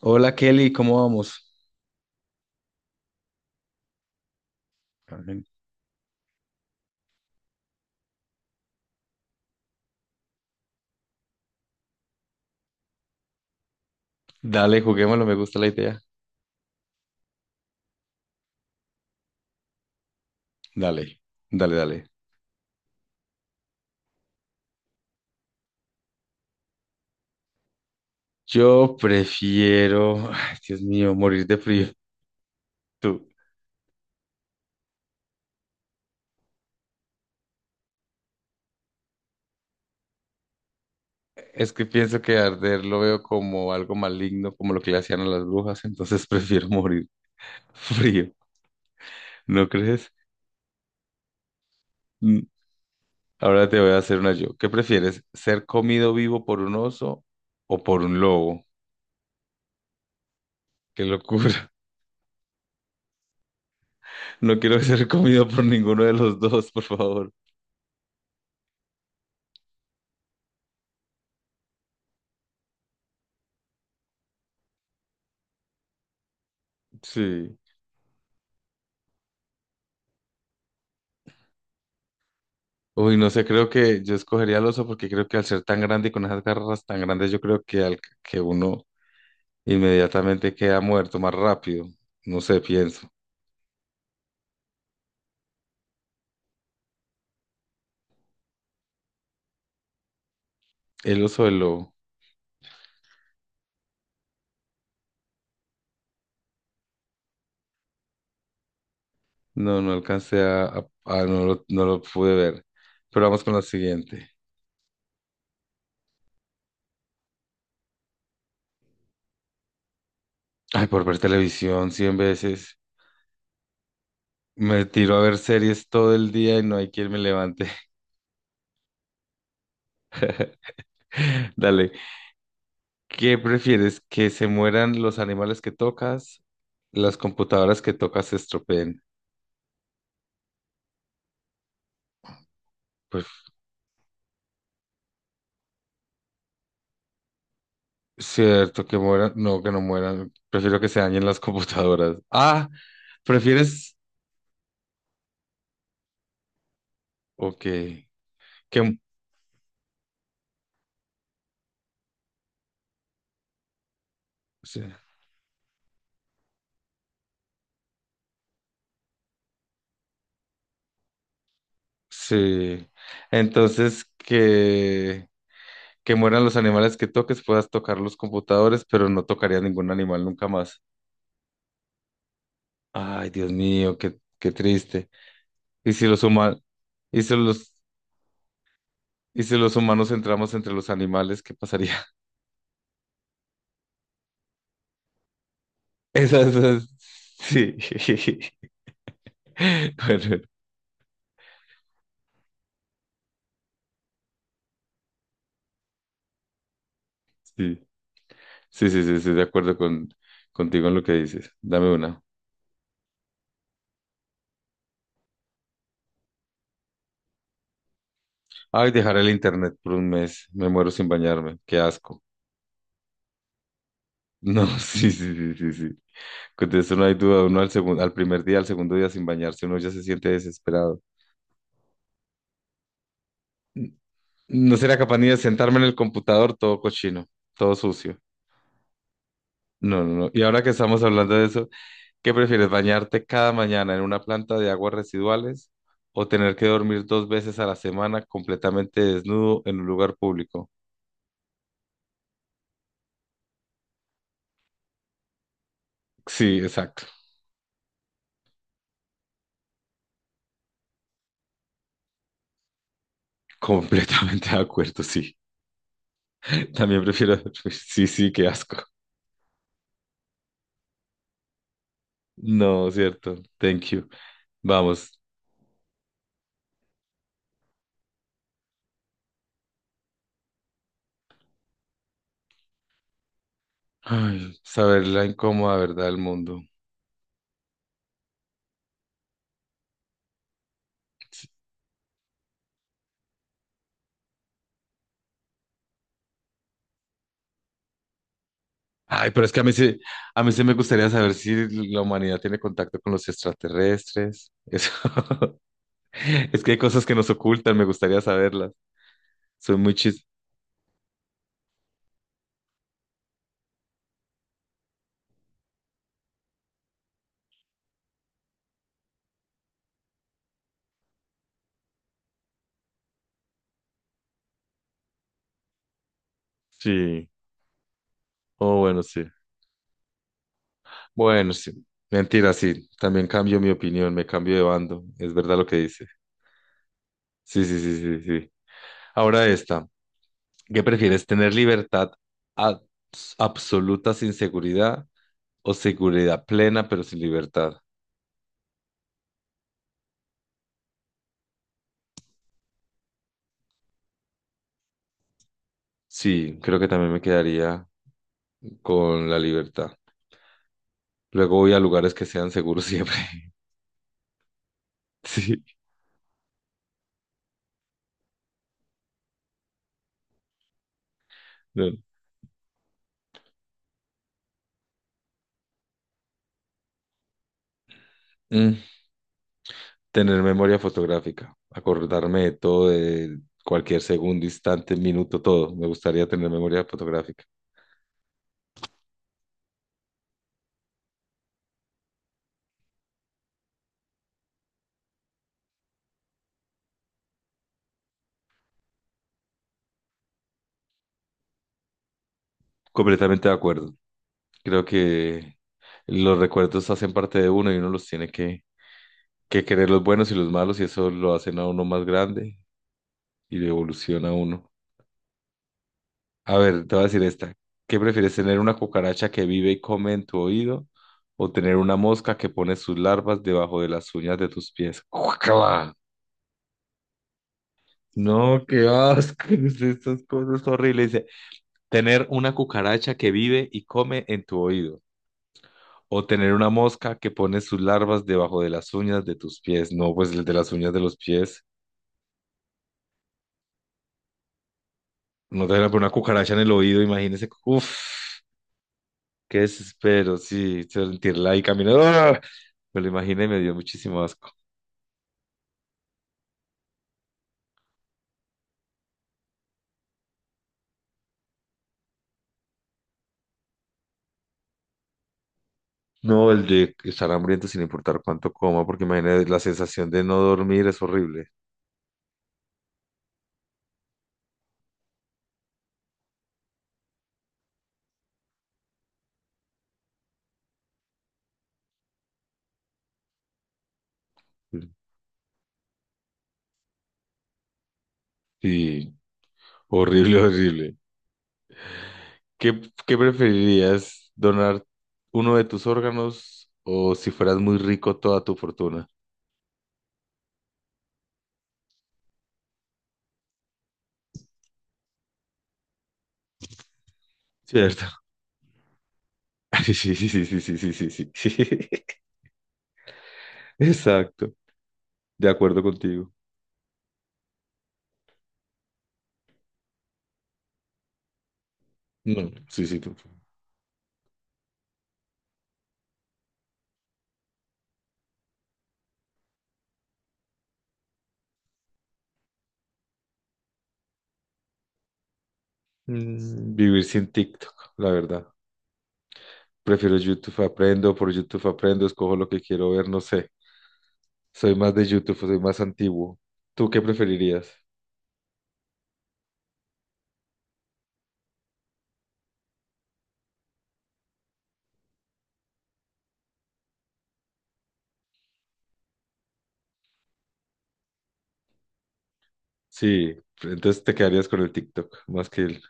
Hola Kelly, ¿cómo vamos? Amén. Dale, juguémoslo, me gusta la idea. Dale, dale, dale. Yo prefiero, ay, Dios mío, morir de frío. Tú. Es que pienso que arder lo veo como algo maligno, como lo que le hacían a las brujas, entonces prefiero morir frío, ¿no crees? Mm. Ahora te voy a hacer una yo. ¿Qué prefieres? ¿Ser comido vivo por un oso o por un lobo? Qué locura. No quiero ser comido por ninguno de los dos, por favor. Sí. Uy, no sé, creo que yo escogería al oso porque creo que al ser tan grande y con esas garras tan grandes, yo creo que, al, que uno inmediatamente queda muerto más rápido. No sé, pienso. El oso del lobo. No, no alcancé a, no lo pude ver. Pero vamos con la siguiente. Ay, por ver televisión 100 veces. Me tiro a ver series todo el día y no hay quien me levante. Dale. ¿Qué prefieres? ¿Que se mueran los animales que tocas? ¿Las computadoras que tocas se estropeen? Pues cierto, que mueran. No, que no mueran. Prefiero que se dañen las computadoras. Ah, ¿prefieres? Ok. Que... Sí. Sí. Entonces, que mueran los animales que toques, puedas tocar los computadores, pero no tocaría ningún animal nunca más. Ay, Dios mío, qué, qué triste. ¿Y si los humanos... ¿Y si los... ¿Y si los humanos entramos entre los animales, qué pasaría? Esas, esas... Sí. Bueno, sí. Sí, sí, sí, estoy de acuerdo contigo en lo que dices. Dame una. Ay, dejar el internet por un mes. Me muero sin bañarme. Qué asco. No, sí, sí, sí, sí, sí. Con eso no hay duda. Uno al primer día, al segundo día sin bañarse, uno ya se siente desesperado. N- No sería capaz ni de sentarme en el computador todo cochino, todo sucio. No, no, no. Y ahora que estamos hablando de eso, ¿qué prefieres, bañarte cada mañana en una planta de aguas residuales o tener que dormir dos veces a la semana completamente desnudo en un lugar público? Sí, exacto. Completamente de acuerdo, sí. También prefiero dormir. Sí, sí, qué asco. No, cierto. Thank you. Vamos. Ay, saber la incómoda verdad del mundo. Ay, pero es que a mí sí me gustaría saber si la humanidad tiene contacto con los extraterrestres. Eso. Es que hay cosas que nos ocultan, me gustaría saberlas. Soy muy chis. Sí. Oh, bueno, sí. Bueno, sí. Mentira, sí. También cambio mi opinión, me cambio de bando. Es verdad lo que dice. Sí, sí, sí, sí, sí. Ahora esta, ¿qué prefieres? ¿Tener libertad abs- absoluta sin seguridad o seguridad plena pero sin libertad? Sí, creo que también me quedaría con la libertad. Luego voy a lugares que sean seguros siempre. Sí. No. Mm, Tener memoria fotográfica, acordarme de todo, de cualquier segundo, instante, minuto, todo. Me gustaría tener memoria fotográfica. Completamente de acuerdo. Creo que los recuerdos hacen parte de uno y uno los tiene que querer los buenos y los malos, y eso lo hacen a uno más grande y lo evoluciona a uno. A ver, te voy a decir esta. ¿Qué prefieres tener una cucaracha que vive y come en tu oído o tener una mosca que pone sus larvas debajo de las uñas de tus pies? ¡Guácala! No, qué asco, estas cosas horribles. Dice, tener una cucaracha que vive y come en tu oído o tener una mosca que pone sus larvas debajo de las uñas de tus pies. No, pues el de las uñas de los pies. No te van a poner una cucaracha en el oído, imagínese. Uf, qué desespero, sí, sentirla ahí caminando. ¡Ah! Me lo imaginé y me dio muchísimo asco. No, el de estar hambriento sin importar cuánto coma, porque imagínate la sensación de no dormir es horrible. Sí, horrible, horrible. ¿Qué, qué preferirías? ¿Donar uno de tus órganos o si fueras muy rico toda tu fortuna? Cierto. Sí, sí, sí, sí, sí, sí, sí, sí. sí. Exacto. De acuerdo contigo. No, sí, sí, tú. Vivir sin TikTok, la verdad. Prefiero YouTube, aprendo, por YouTube aprendo, escojo lo que quiero ver, no sé. Soy más de YouTube, soy más antiguo. ¿Tú qué preferirías? Sí, entonces te quedarías con el TikTok, más que el...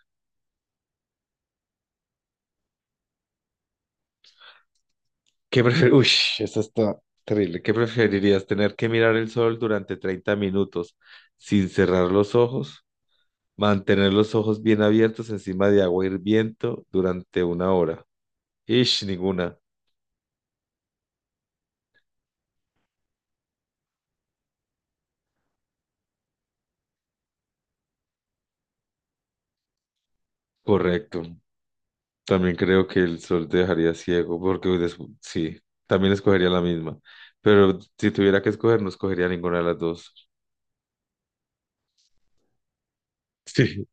Uy, eso está terrible. ¿Qué preferirías? ¿Tener que mirar el sol durante 30 minutos sin cerrar los ojos? ¿Mantener los ojos bien abiertos encima de agua hirviendo durante una hora? Ish, ninguna. Correcto. También creo que el sol te dejaría ciego porque sí, también escogería la misma. Pero si tuviera que escoger, no escogería ninguna de las dos. Sí,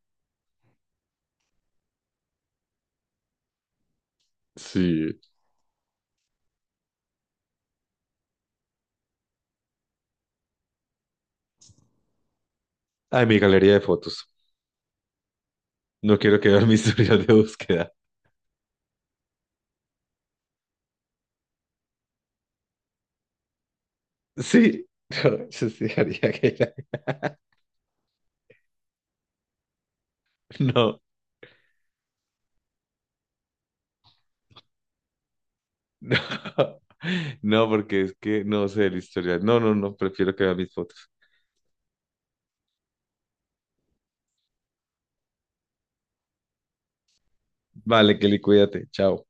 sí. Ay, mi galería de fotos. No quiero que vean mi historial de búsqueda. Sí, no, yo sí haría que la- No, no. No, porque es que no sé el historial. No, no, no, prefiero que vean mis fotos. Vale, Kelly, cuídate. Chao.